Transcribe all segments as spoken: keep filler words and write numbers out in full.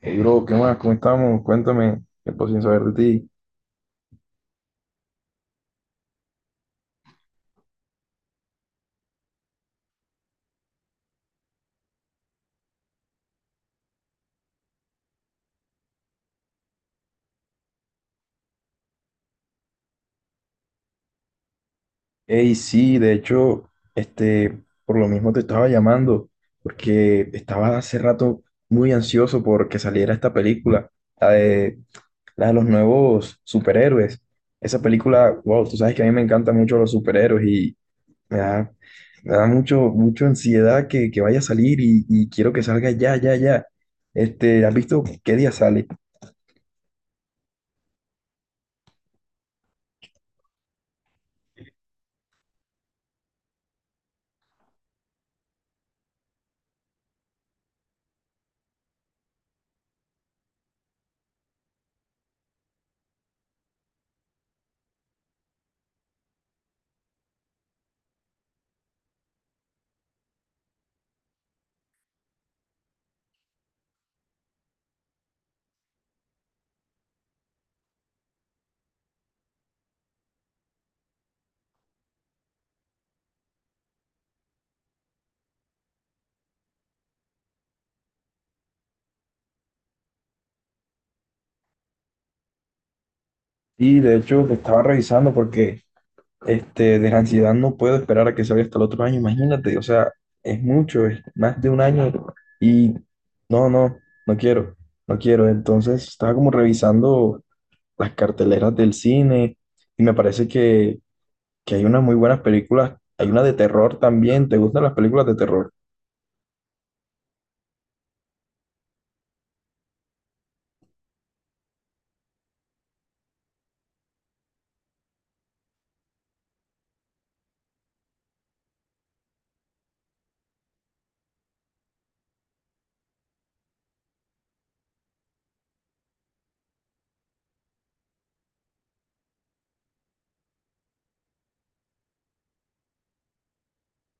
Hey, bro, ¿qué más? ¿Cómo estamos? Cuéntame, tiempo sin saber de ti. Hey, sí, de hecho, este, por lo mismo te estaba llamando, porque estaba hace rato muy ansioso porque saliera esta película, la de, la de los nuevos superhéroes. Esa película, wow, tú sabes que a mí me encantan mucho los superhéroes y me da, me da mucho, mucho ansiedad que, que vaya a salir y, y quiero que salga ya, ya, ya. Este, ¿has visto qué día sale? Y de hecho, te estaba revisando porque este, de la ansiedad no puedo esperar a que salga hasta el otro año, imagínate, o sea, es mucho, es más de un año y no, no, no quiero, no quiero. Entonces estaba como revisando las carteleras del cine y me parece que, que hay unas muy buenas películas, hay una de terror también, ¿te gustan las películas de terror?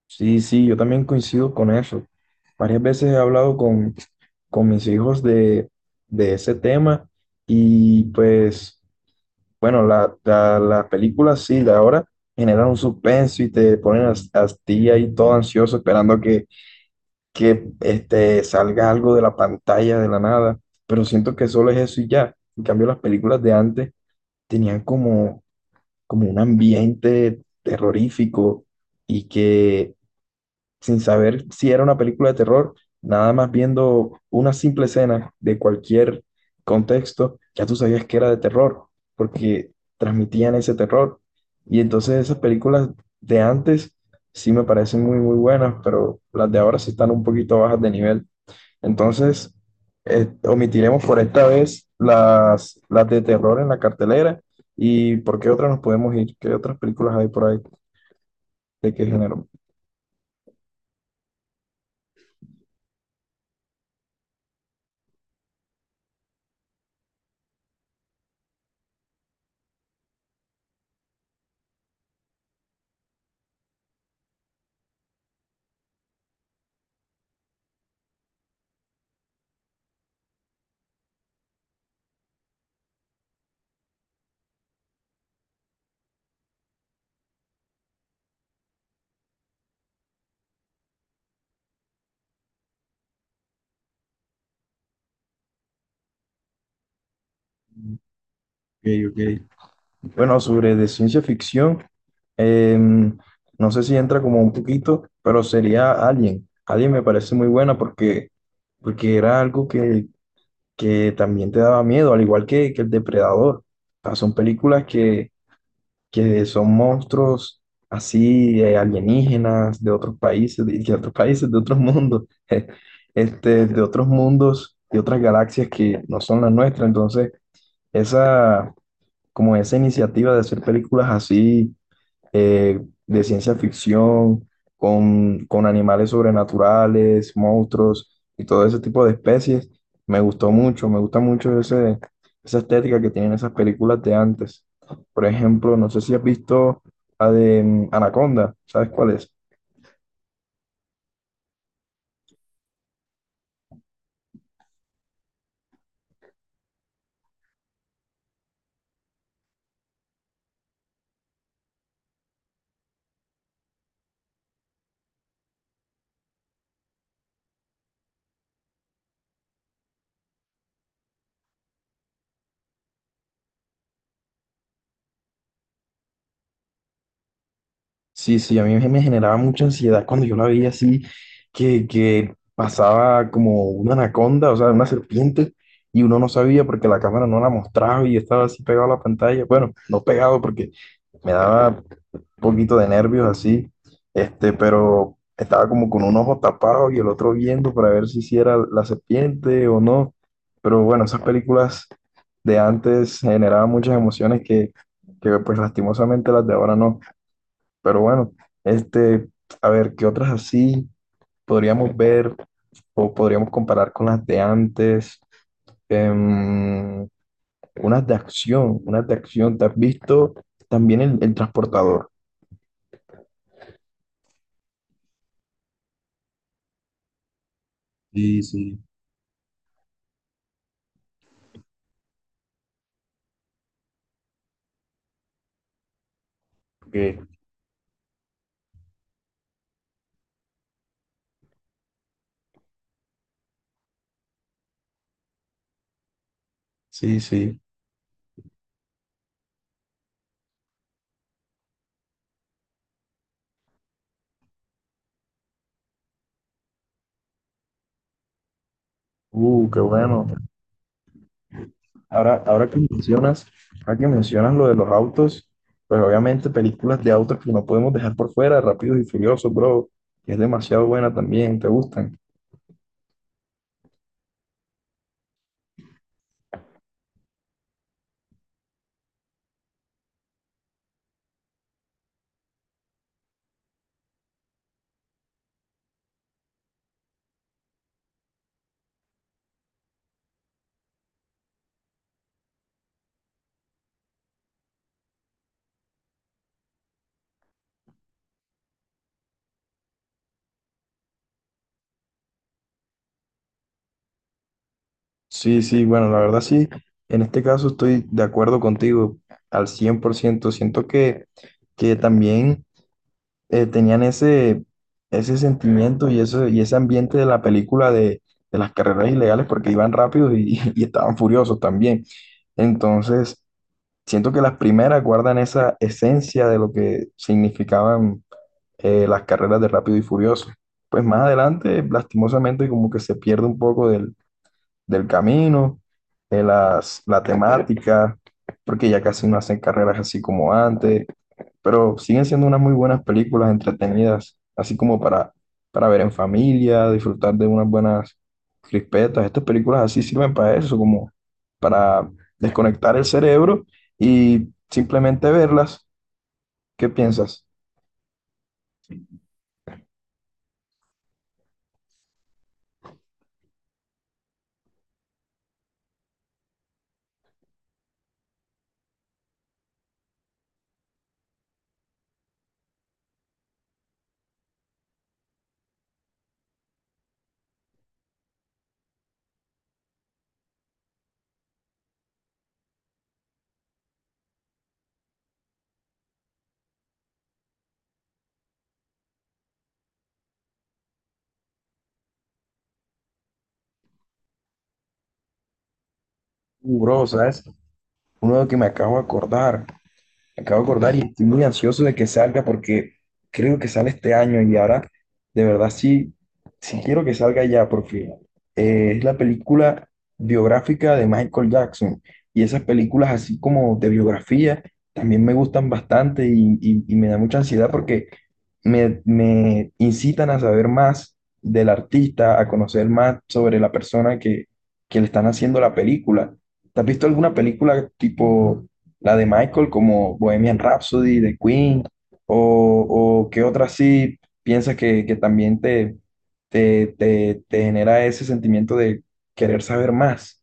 Sí, sí, yo también coincido con eso. Varias veces he hablado con, con mis hijos de, de ese tema y pues... Bueno, la- la- las películas sí, de ahora generan un suspenso y te ponen a, a ti ahí todo ansioso esperando que, que este, salga algo de la pantalla de la nada, pero siento que solo es eso y ya. En cambio, las películas de antes tenían como, como un ambiente terrorífico y que sin saber si era una película de terror, nada más viendo una simple escena de cualquier contexto, ya tú sabías que era de terror, porque transmitían ese terror. Y entonces esas películas de antes sí me parecen muy, muy buenas, pero las de ahora sí están un poquito bajas de nivel. Entonces, eh, omitiremos por esta vez las, las de terror en la cartelera. ¿Y por qué otras nos podemos ir? ¿Qué otras películas hay por ahí? ¿De qué género? Ok, ok. Bueno, sobre de ciencia ficción, em, no sé si entra como un poquito, pero sería Alien. Alien me parece muy buena porque, porque era algo que, que también te daba miedo, al igual que, que El Depredador. O sea, son películas que, que son monstruos así eh, alienígenas de otros países, de, de otros países, de otros mundos, este, de otros mundos, de otras galaxias que no son las nuestras. Entonces, esa como esa iniciativa de hacer películas así eh, de ciencia ficción, con, con animales sobrenaturales, monstruos y todo ese tipo de especies. Me gustó mucho, me gusta mucho ese, esa estética que tienen esas películas de antes. Por ejemplo, no sé si has visto la de mm, Anaconda, ¿sabes cuál es? Sí, sí, a mí me me generaba mucha ansiedad cuando yo la veía así, que, que pasaba como una anaconda, o sea, una serpiente, y uno no sabía porque la cámara no la mostraba y estaba así pegado a la pantalla. Bueno, no pegado porque me daba un poquito de nervios así, este, pero estaba como con un ojo tapado y el otro viendo para ver si sí era la serpiente o no. Pero bueno, esas películas de antes generaban muchas emociones que, que pues lastimosamente las de ahora no. Pero bueno, este, a ver, ¿qué otras así podríamos ver o podríamos comparar con las de antes? Em, unas de acción, unas de acción. ¿Te has visto también el, el transportador? Sí, sí. Ok. Sí, sí. Uh, qué bueno. Ahora, ahora que mencionas, ahora que mencionas lo de los autos, pues obviamente películas de autos que no podemos dejar por fuera, Rápidos y Furiosos, bro, que es demasiado buena también, ¿te gustan? Sí, sí, bueno, la verdad sí, en este caso estoy de acuerdo contigo al cien por ciento. Siento que, que también eh, tenían ese, ese sentimiento y, eso, y ese ambiente de la película de, de las carreras ilegales porque iban rápidos y, y estaban furiosos también. Entonces, siento que las primeras guardan esa esencia de lo que significaban eh, las carreras de Rápido y Furioso. Pues más adelante, lastimosamente, como que se pierde un poco del del camino, eh, las, la temática, porque ya casi no hacen carreras así como antes, pero siguen siendo unas muy buenas películas entretenidas, así como para, para ver en familia, disfrutar de unas buenas crispetas. Estas películas así sirven para eso, como para desconectar el cerebro y simplemente verlas. ¿Qué piensas? Uh, Bro, ¿sabes? Uno de que me acabo de acordar. Acabo de acordar y estoy muy ansioso de que salga porque creo que sale este año y ahora de verdad sí, sí quiero que salga ya porque eh, es la película biográfica de Michael Jackson y esas películas así como de biografía también me gustan bastante y, y- y me da mucha ansiedad porque me, me incitan a saber más del artista, a conocer más sobre la persona que, que le están haciendo la película. ¿Te has visto alguna película tipo... la de Michael como Bohemian Rhapsody de Queen o, o qué otra sí piensas que, que también te, te, te, te genera ese sentimiento de querer saber más.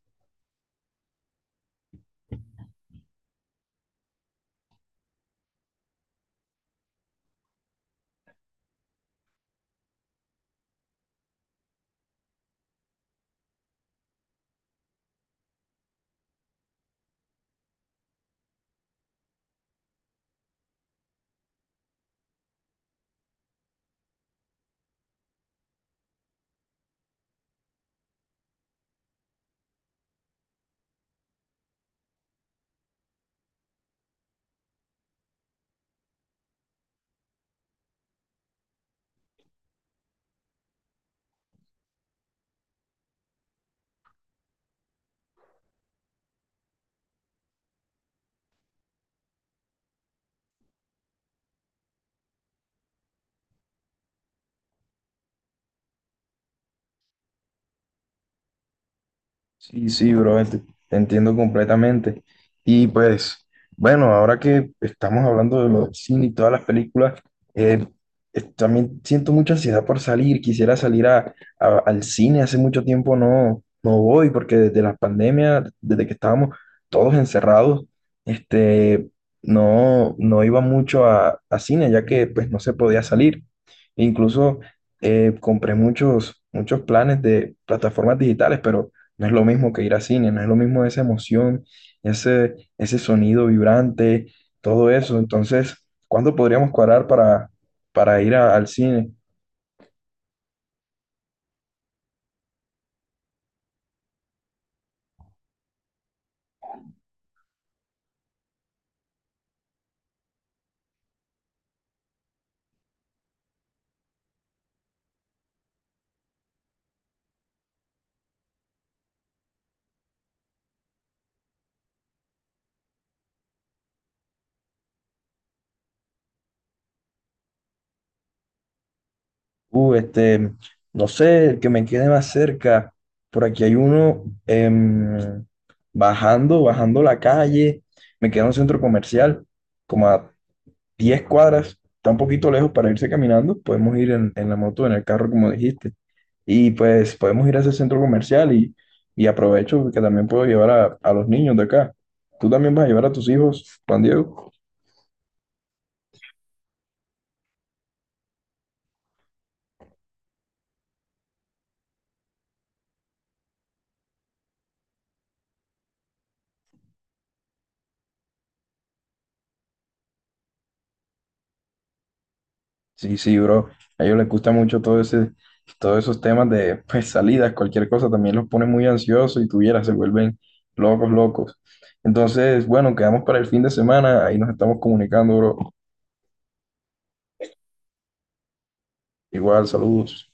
Sí, sí, bro, ent- te entiendo completamente. Y pues, bueno, ahora que estamos hablando de los cine y todas las películas, eh, es- también siento mucha ansiedad por salir. Quisiera salir a, a- al cine. Hace mucho tiempo no, no voy porque desde la pandemia, desde que estábamos todos encerrados, este, no, no iba mucho a, a cine ya que pues no se podía salir. Incluso eh, compré muchos, muchos planes de plataformas digitales, pero no es lo mismo que ir a cine, no es lo mismo esa emoción, ese, ese sonido vibrante, todo eso. Entonces, ¿cuándo podríamos cuadrar para, para ir a- al cine? Uh, este, no sé, el que me quede más cerca. Por aquí hay uno em, bajando, bajando la calle. Me queda un centro comercial, como a diez cuadras, está un poquito lejos para irse caminando, podemos ir en, en la moto, en el carro, como dijiste, y pues podemos ir a ese centro comercial y, y aprovecho que también puedo llevar a, a los niños de acá. ¿Tú también vas a llevar a tus hijos, Juan Diego? Sí, sí, bro, a ellos les gusta mucho todo ese, todos esos temas de pues, salidas, cualquier cosa, también los pone muy ansiosos y tuvieras, se vuelven locos, locos. Entonces, bueno, quedamos para el fin de semana, ahí nos estamos comunicando, bro. Igual, saludos.